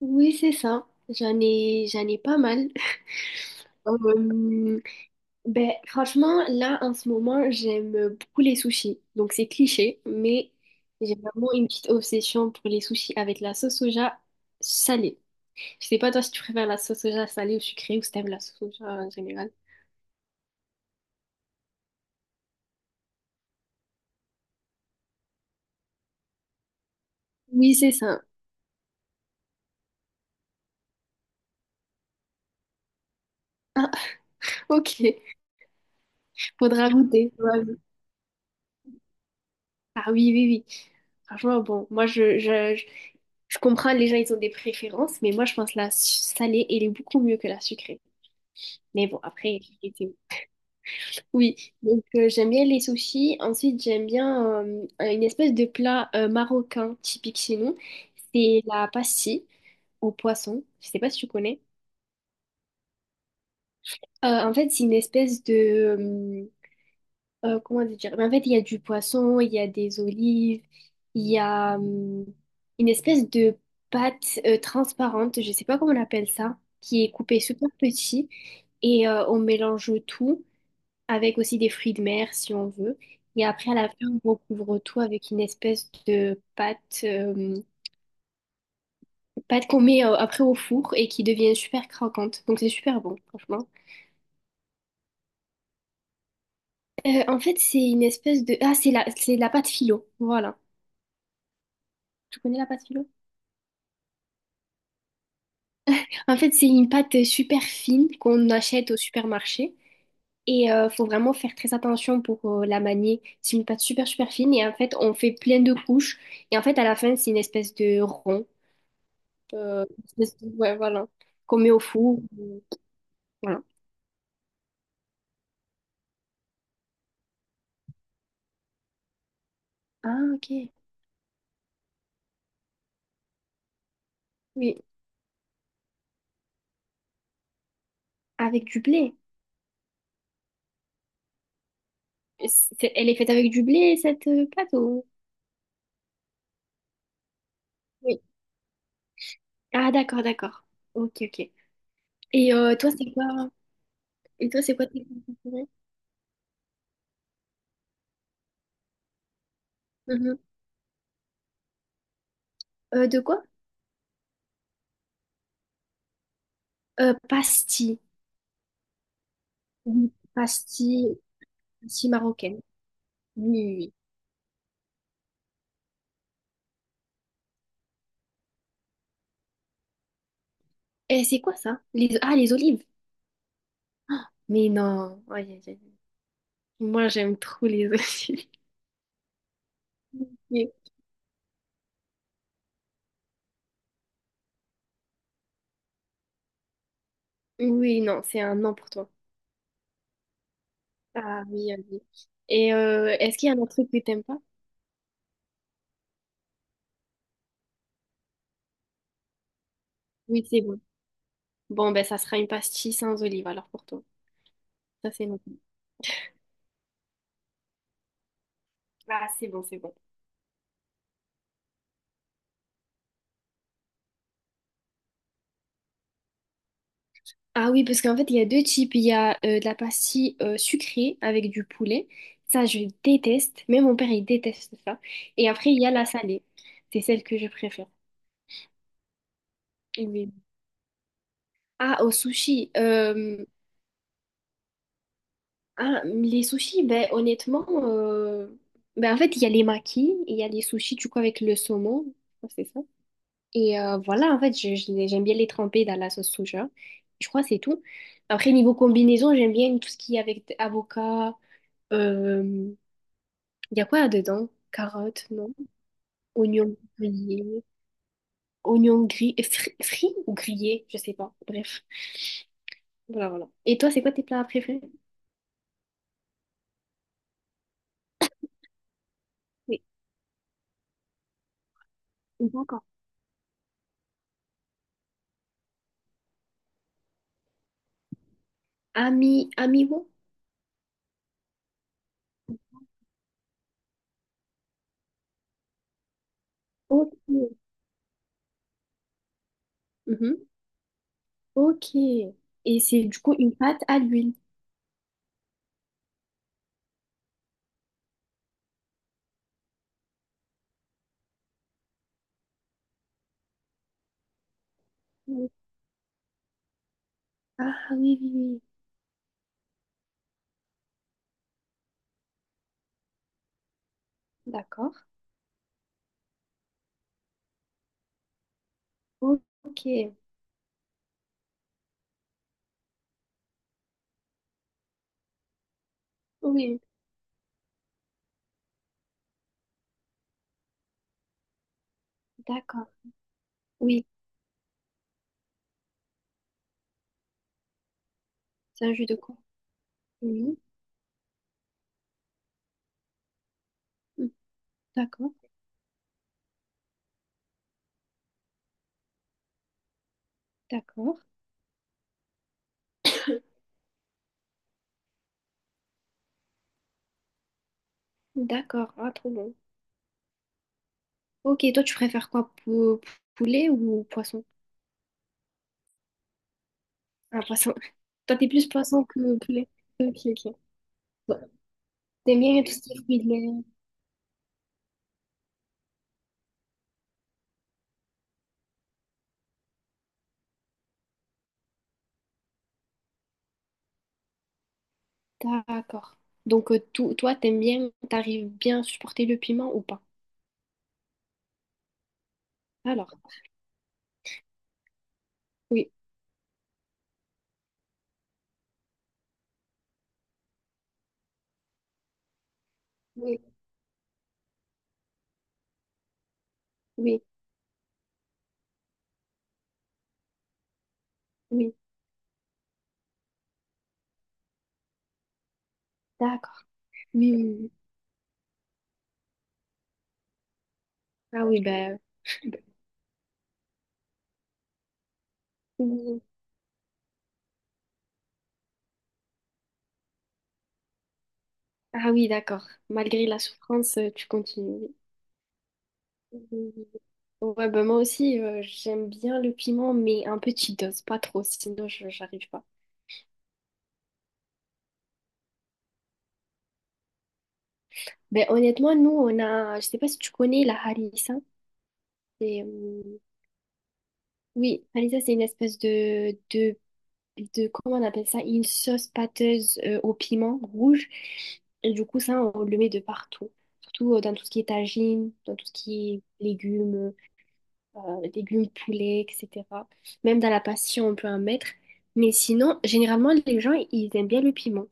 Oui, c'est ça. J'en ai pas mal. Euh, ben, franchement, là, en ce moment, j'aime beaucoup les sushis. Donc, c'est cliché, mais j'ai vraiment une petite obsession pour les sushis avec la sauce soja salée. Je sais pas, toi, si tu préfères la sauce soja salée ou sucrée ou si t'aimes la sauce soja en général. Oui, c'est ça. Ah, ok. Faudra goûter. Faudra goûter. Ah oui, oui, oui. Franchement, bon, moi, je comprends, les gens, ils ont des préférences, mais moi, je pense que la salée, elle est beaucoup mieux que la sucrée. Mais bon, après, j'ai, oui. Donc, j'aime bien les sushis. Ensuite, j'aime bien une espèce de plat marocain typique chez nous. C'est la pastille au poisson. Je sais pas si tu connais. En fait, c'est une espèce de, comment dire? Mais en fait, il y a du poisson, il y a des olives, il y a une espèce de pâte transparente, je sais pas comment on appelle ça, qui est coupée super petit. Et on mélange tout, avec aussi des fruits de mer si on veut. Et après, à la fin, on recouvre tout avec une espèce de pâte qu'on met après au four et qui devient super croquante. Donc c'est super bon, franchement. En fait, c'est une espèce de — ah, c'est la pâte philo. Voilà. Tu connais la pâte philo? En fait, c'est une pâte super fine qu'on achète au supermarché. Et faut vraiment faire très attention pour la manier. C'est une pâte super super fine et en fait on fait plein de couches. Et en fait à la fin c'est une espèce de rond. Euh, ouais, voilà. Qu'on met au four. Voilà. Ah, ok. Oui. Avec du blé. Elle est faite avec du blé, cette pâte ou... Oui. Ah, d'accord, d'accord. Ok, ok. Et toi, c'est quoi? Et toi, c'est quoi tes préférés? Mhm. De quoi? Pastis. Oui. Pastis, pastis marocaine. Oui, oui, oui. Et c'est quoi ça? Les — ah, les olives. Mais non. Aïe, aïe, aïe. Moi, j'aime trop les olives. Oui, oui, non, c'est un non pour toi. Ah oui, ah oui. Et est-ce qu'il y a un autre truc que t'aimes pas? Oui, c'est bon. Bon, ben ça sera une pastille sans olive alors pour toi. Ça, c'est bon. Ah, c'est bon, c'est bon. Ah oui, parce qu'en fait, il y a deux types. Il y a de la pastille sucrée avec du poulet. Ça, je déteste. Même mon père, il déteste ça. Et après, il y a la salée. C'est celle que je préfère. Oui. Ah, au sushi. Ah, les sushis, ben honnêtement, ben, en fait, il y a les makis, il y a les sushis, du coup, avec le saumon. Je crois que c'est ça. Et voilà, en fait, j'aime bien les tremper dans la sauce soja. Je crois que c'est tout. Après, niveau combinaison, j'aime bien tout ce qui est avec avocat. Euh, Il y a quoi dedans? Carottes, non? Oignons grillés. Oignons gris, frits ou grillés? Je sais pas. Bref. Voilà, voilà. Et toi, c'est quoi tes plats préférés? Oui, d'accord. Amiwo? Ok. Mhm. Ok. Et c'est du coup une pâte à l'huile. Oui. Ah oui, oui, oui. D'accord. Ok. Oui. D'accord. Oui, c'est un jus de quoi? Oui. Mm. D'accord. D'accord. D'accord. Ah, trop bon. Ok, toi, tu préfères quoi? Poulet ou poisson? Ah, poisson. Toi, t'es plus poisson que poulet. Ok, ok. Bon. T'aimes bien tout ce qui est fruits de mer. D'accord. Donc, toi, t'aimes bien, t'arrives bien à supporter le piment ou pas? Alors, oui, oui, oui, oui. D'accord. Oui, oui, oui. Ah oui, bah, oui. Ah oui, d'accord. Malgré la souffrance, tu continues. Oui, oui, oui. Ouais, bah moi aussi, j'aime bien le piment, mais un petit dose, pas trop, sinon je j'arrive pas. Ben honnêtement, nous, on a, je sais pas si tu connais la harissa. C'est, oui, harissa, c'est une espèce de, comment on appelle ça, une sauce pâteuse au piment rouge. Et du coup, ça, on le met de partout. Surtout dans tout ce qui est tagine, dans tout ce qui est légumes, légumes poulet, etc. Même dans la pastille, on peut en mettre. Mais sinon, généralement, les gens, ils aiment bien le piment.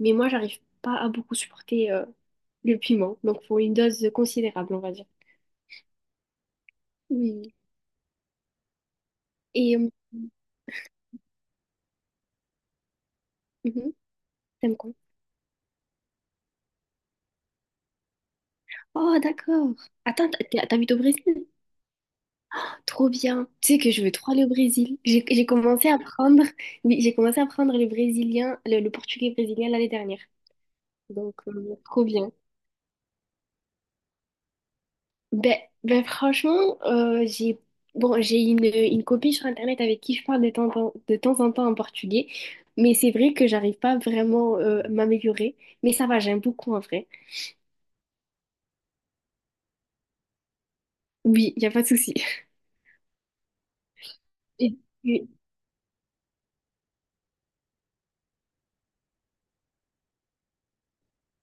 Mais moi, j'arrive pas à beaucoup supporter le piment. Donc, faut une dose considérable, on va dire. Oui. Et mhm, t'aimes quoi? Oh, d'accord. Attends, t'habites au Brésil? Trop bien. Tu sais que je veux trop aller au Brésil. J'ai commencé à apprendre, oui, j'ai commencé à apprendre le brésilien, le portugais brésilien l'année dernière. Donc, trop bien. Ben, ben franchement, j'ai bon, j'ai une copine sur Internet avec qui je parle de temps en temps en portugais, mais c'est vrai que j'arrive pas vraiment à m'améliorer, mais ça va, j'aime beaucoup en vrai. Oui, il a pas de souci. Et puis,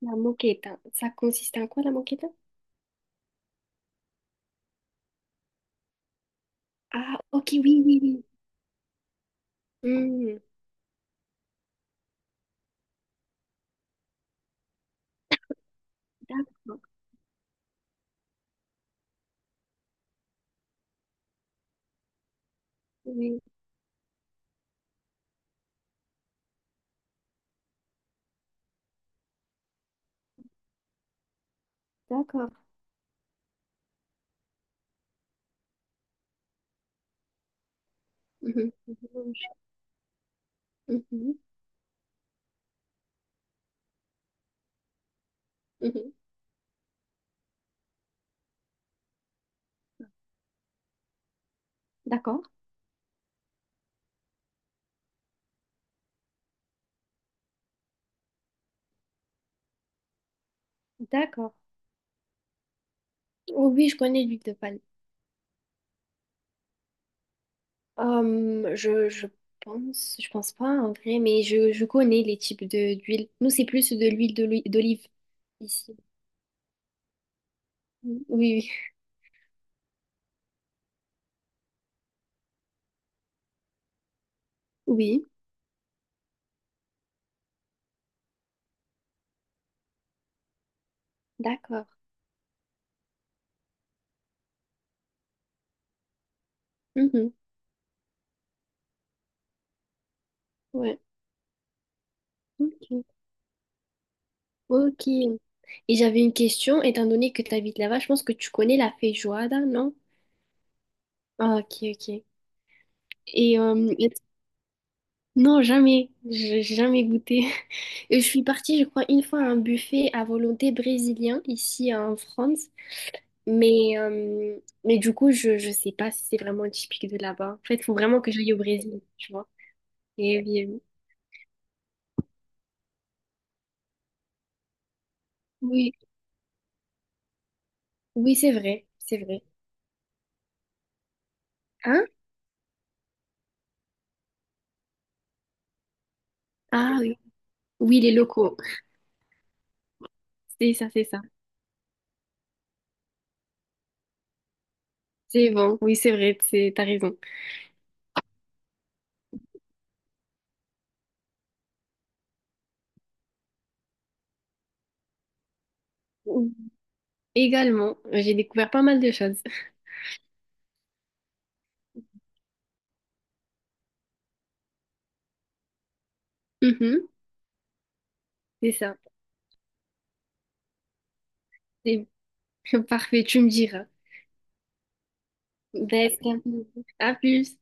la moqueta, ça consiste en quoi la moqueta? Ah, ok, oui, oui, oui. Hmm, d'accord, oui, d'accord. Mhm, mhm, mhm, mhm. D'accord, d'accord. Oh oui, je connais l'huile de palme. Euh, je, je je pense pas en vrai, mais je connais les types de d'huile. Nous, c'est plus de l'huile d'olive ici. Mm. Oui, oui, oui, d'accord. Mhm, ouais, ok. Ok. Et j'avais une question, étant donné que tu habites là-bas, je pense que tu connais la feijoada, non? Ah, ok, ok. Et euh, et- non, jamais, j'ai jamais goûté. Et je suis partie, je crois, une fois à un buffet à volonté brésilien ici en France. Mais, euh, mais du coup, je sais pas si c'est vraiment typique de là-bas. En fait, il faut vraiment que j'aille au Brésil, tu vois. Et oui, oui, oui, oui, c'est vrai, c'est vrai. Hein? Ah oui, oui, les locaux. C'est ça, c'est ça. C'est bon, oui, c'est vrai, c'est, t'as raison. Également, j'ai découvert pas mal de choses. Mhm, c'est ça. C'est parfait, tu me diras. Ben, c'est un plaisir. À plus.